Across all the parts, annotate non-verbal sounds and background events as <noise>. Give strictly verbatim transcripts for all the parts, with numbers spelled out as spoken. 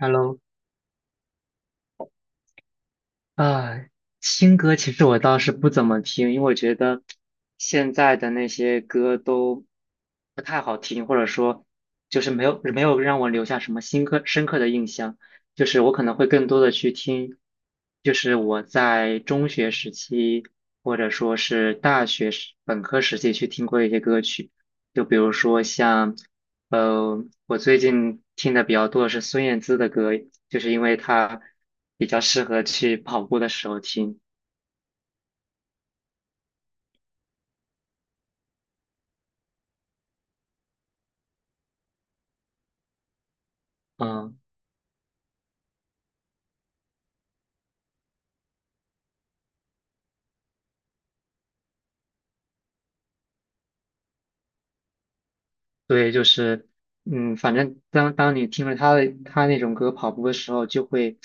Hello，啊，新歌其实我倒是不怎么听，因为我觉得现在的那些歌都不太好听，或者说就是没有没有让我留下什么新刻深刻的印象。就是我可能会更多的去听，就是我在中学时期或者说是大学时本科时期去听过一些歌曲，就比如说像呃，我最近听的比较多的是孙燕姿的歌，就是因为她比较适合去跑步的时候听。嗯、对，就是，嗯，反正当当你听了他的他那种歌跑步的时候，就会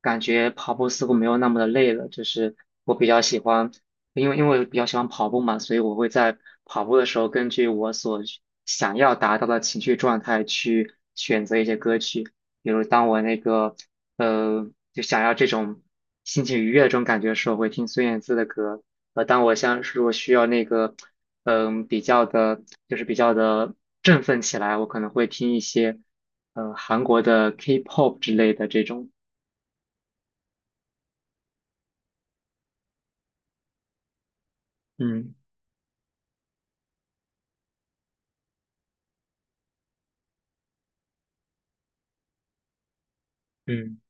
感觉跑步似乎没有那么的累了。就是我比较喜欢，因为因为我比较喜欢跑步嘛，所以我会在跑步的时候，根据我所需想要达到的情绪状态去选择一些歌曲。比如当我那个呃，就想要这种心情愉悦的这种感觉的时候，我会听孙燕姿的歌。呃，当我像是我需要那个。嗯，比较的，就是比较的振奋起来，我可能会听一些，呃，韩国的 K-pop 之类的这种。嗯嗯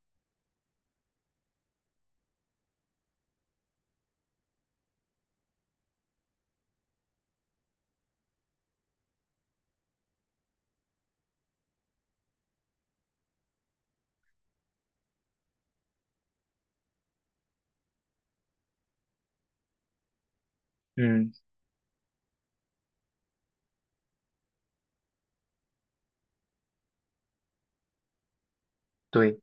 嗯，对。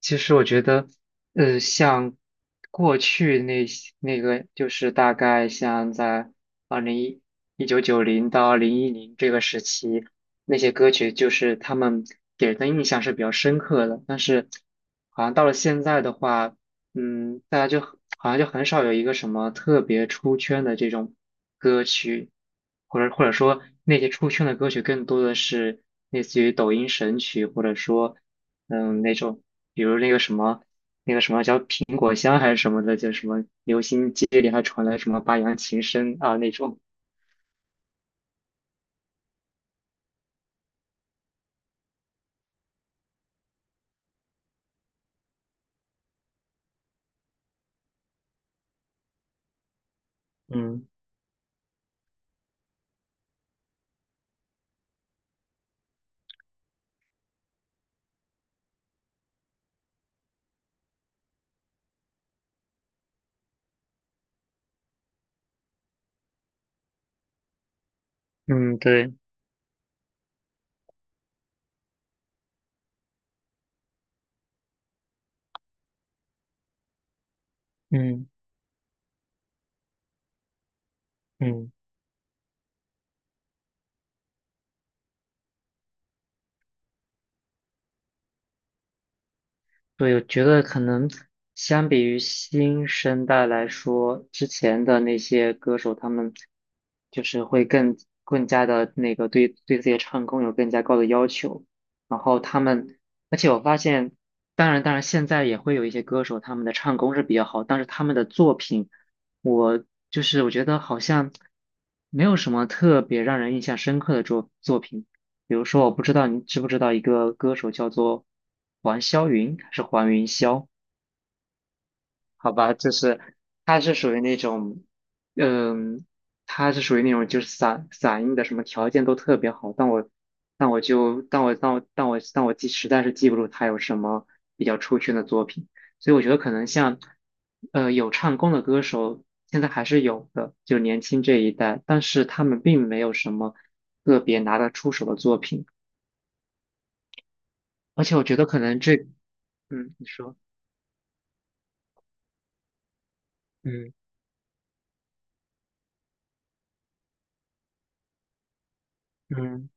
其实我觉得，呃，像过去那些那个，就是大概像在二零一一九九零到二零一零这个时期，那些歌曲就是他们给人的印象是比较深刻的。但是，好像到了现在的话。嗯，大家就好像就很少有一个什么特别出圈的这种歌曲，或者或者说那些出圈的歌曲更多的是类似于抖音神曲，或者说嗯那种，比如那个什么那个什么叫苹果香还是什么的，就什么流行街里还传来什么八扬琴声啊那种。嗯嗯，对，嗯嗯。对，我觉得可能相比于新生代来说，之前的那些歌手，他们就是会更更加的那个对对自己的唱功有更加高的要求。然后他们，而且我发现，当然当然，现在也会有一些歌手，他们的唱功是比较好，但是他们的作品，我就是我觉得好像没有什么特别让人印象深刻的作作品。比如说，我不知道你知不知道一个歌手叫做黄霄云，还是黄云霄？好吧，就是他是属于那种，嗯，他是属于那种就是嗓嗓音的什么条件都特别好，但我但我就但我但我但我但我记实在是记不住他有什么比较出圈的作品，所以我觉得可能像呃有唱功的歌手现在还是有的，就年轻这一代，但是他们并没有什么特别拿得出手的作品。而且我觉得可能这，嗯，你说，嗯嗯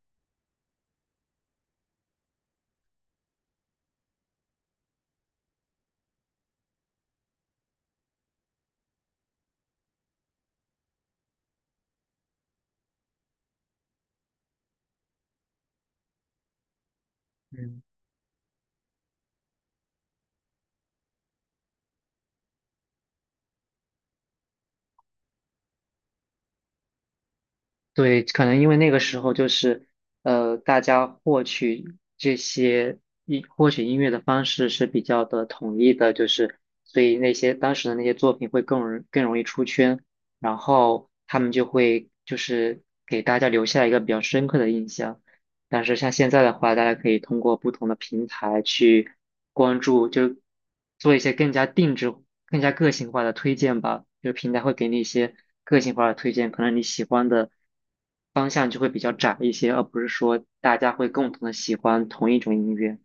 嗯对，可能因为那个时候就是，呃，大家获取这些音获取音乐的方式是比较的统一的，就是所以那些当时的那些作品会更容更容易出圈，然后他们就会就是给大家留下一个比较深刻的印象。但是像现在的话，大家可以通过不同的平台去关注，就是做一些更加定制、更加个性化的推荐吧。就是平台会给你一些个性化的推荐，可能你喜欢的方向就会比较窄一些，而不是说大家会共同的喜欢同一种音乐。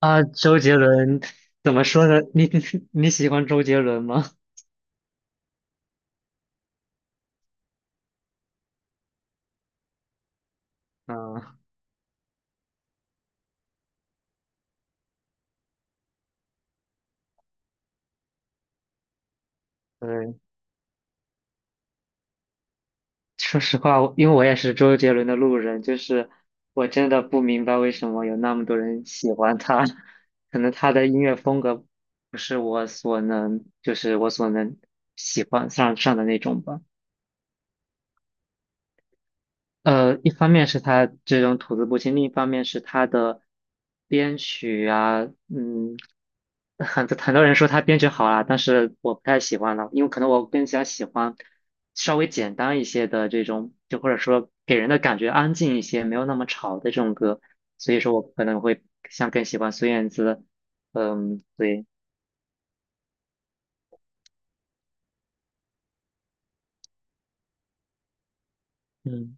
啊，周杰伦怎么说呢？你 <laughs> 你喜欢周杰伦吗？嗯。对。说实话，因为我也是周杰伦的路人，就是我真的不明白为什么有那么多人喜欢他，<laughs> 可能他的音乐风格不是我所能，就是我所能喜欢上上的那种吧。呃，一方面是他这种吐字不清，另一方面是他的编曲啊，嗯，很多很多人说他编曲好啊，但是我不太喜欢了，因为可能我更加喜欢稍微简单一些的这种，就或者说给人的感觉安静一些，没有那么吵的这种歌，所以说我可能会像更喜欢孙燕姿，嗯，对，嗯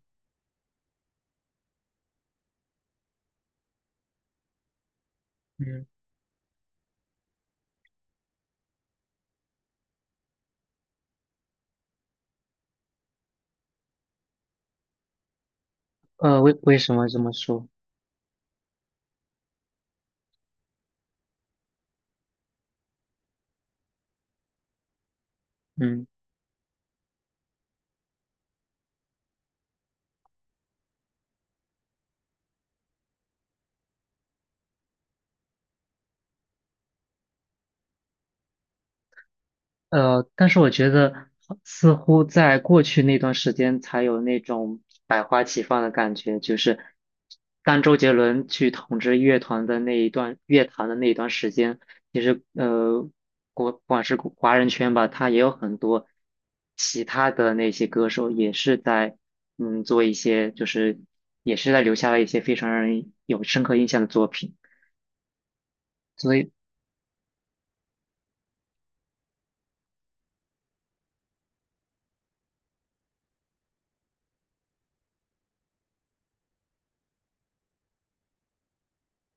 嗯，呃，为为什么这么说？嗯。呃，但是我觉得似乎在过去那段时间才有那种百花齐放的感觉，就是当周杰伦去统治乐团的那一段乐坛的那一段时间，其实呃，国不管是国华人圈吧，他也有很多其他的那些歌手也是在嗯做一些，就是也是在留下了一些非常让人有深刻印象的作品，所以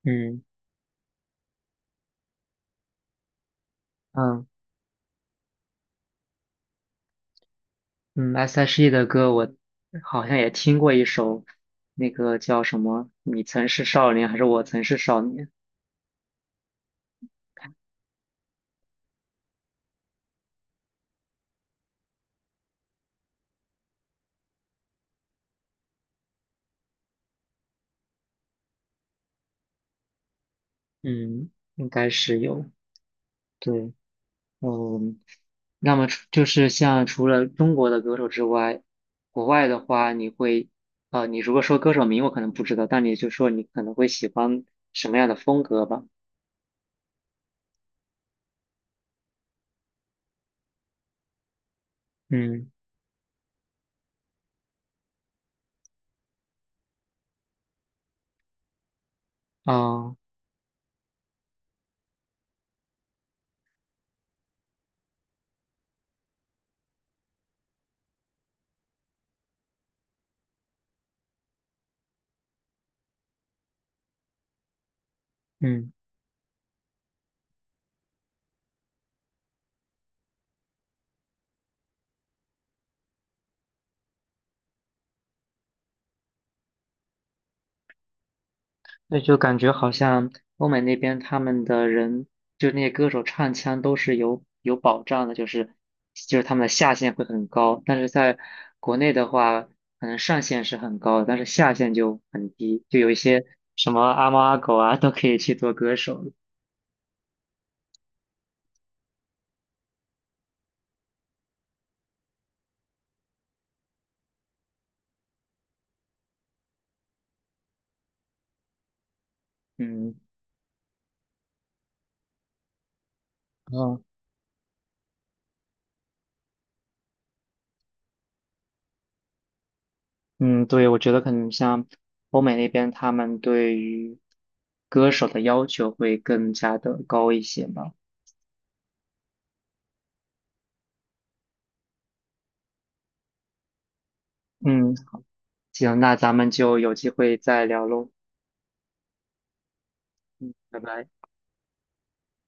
嗯嗯。嗯，S H E 的歌我好像也听过一首，那个叫什么“你曾是少年”还是“我曾是少年”？嗯，应该是有。对，嗯，那么除就是像除了中国的歌手之外，国外的话，你会，呃，你如果说歌手名我可能不知道，但你就说你可能会喜欢什么样的风格吧？嗯，啊、嗯。那就感觉好像欧美那边他们的人，就那些歌手唱腔都是有有保障的，就是就是他们的下限会很高，但是在国内的话，可能上限是很高的，但是下限就很低，就有一些什么阿猫阿狗啊都可以去做歌手。嗯嗯，嗯，对，我觉得可能像欧美那边，他们对于歌手的要求会更加的高一些吧。嗯，行，那咱们就有机会再聊喽。拜拜。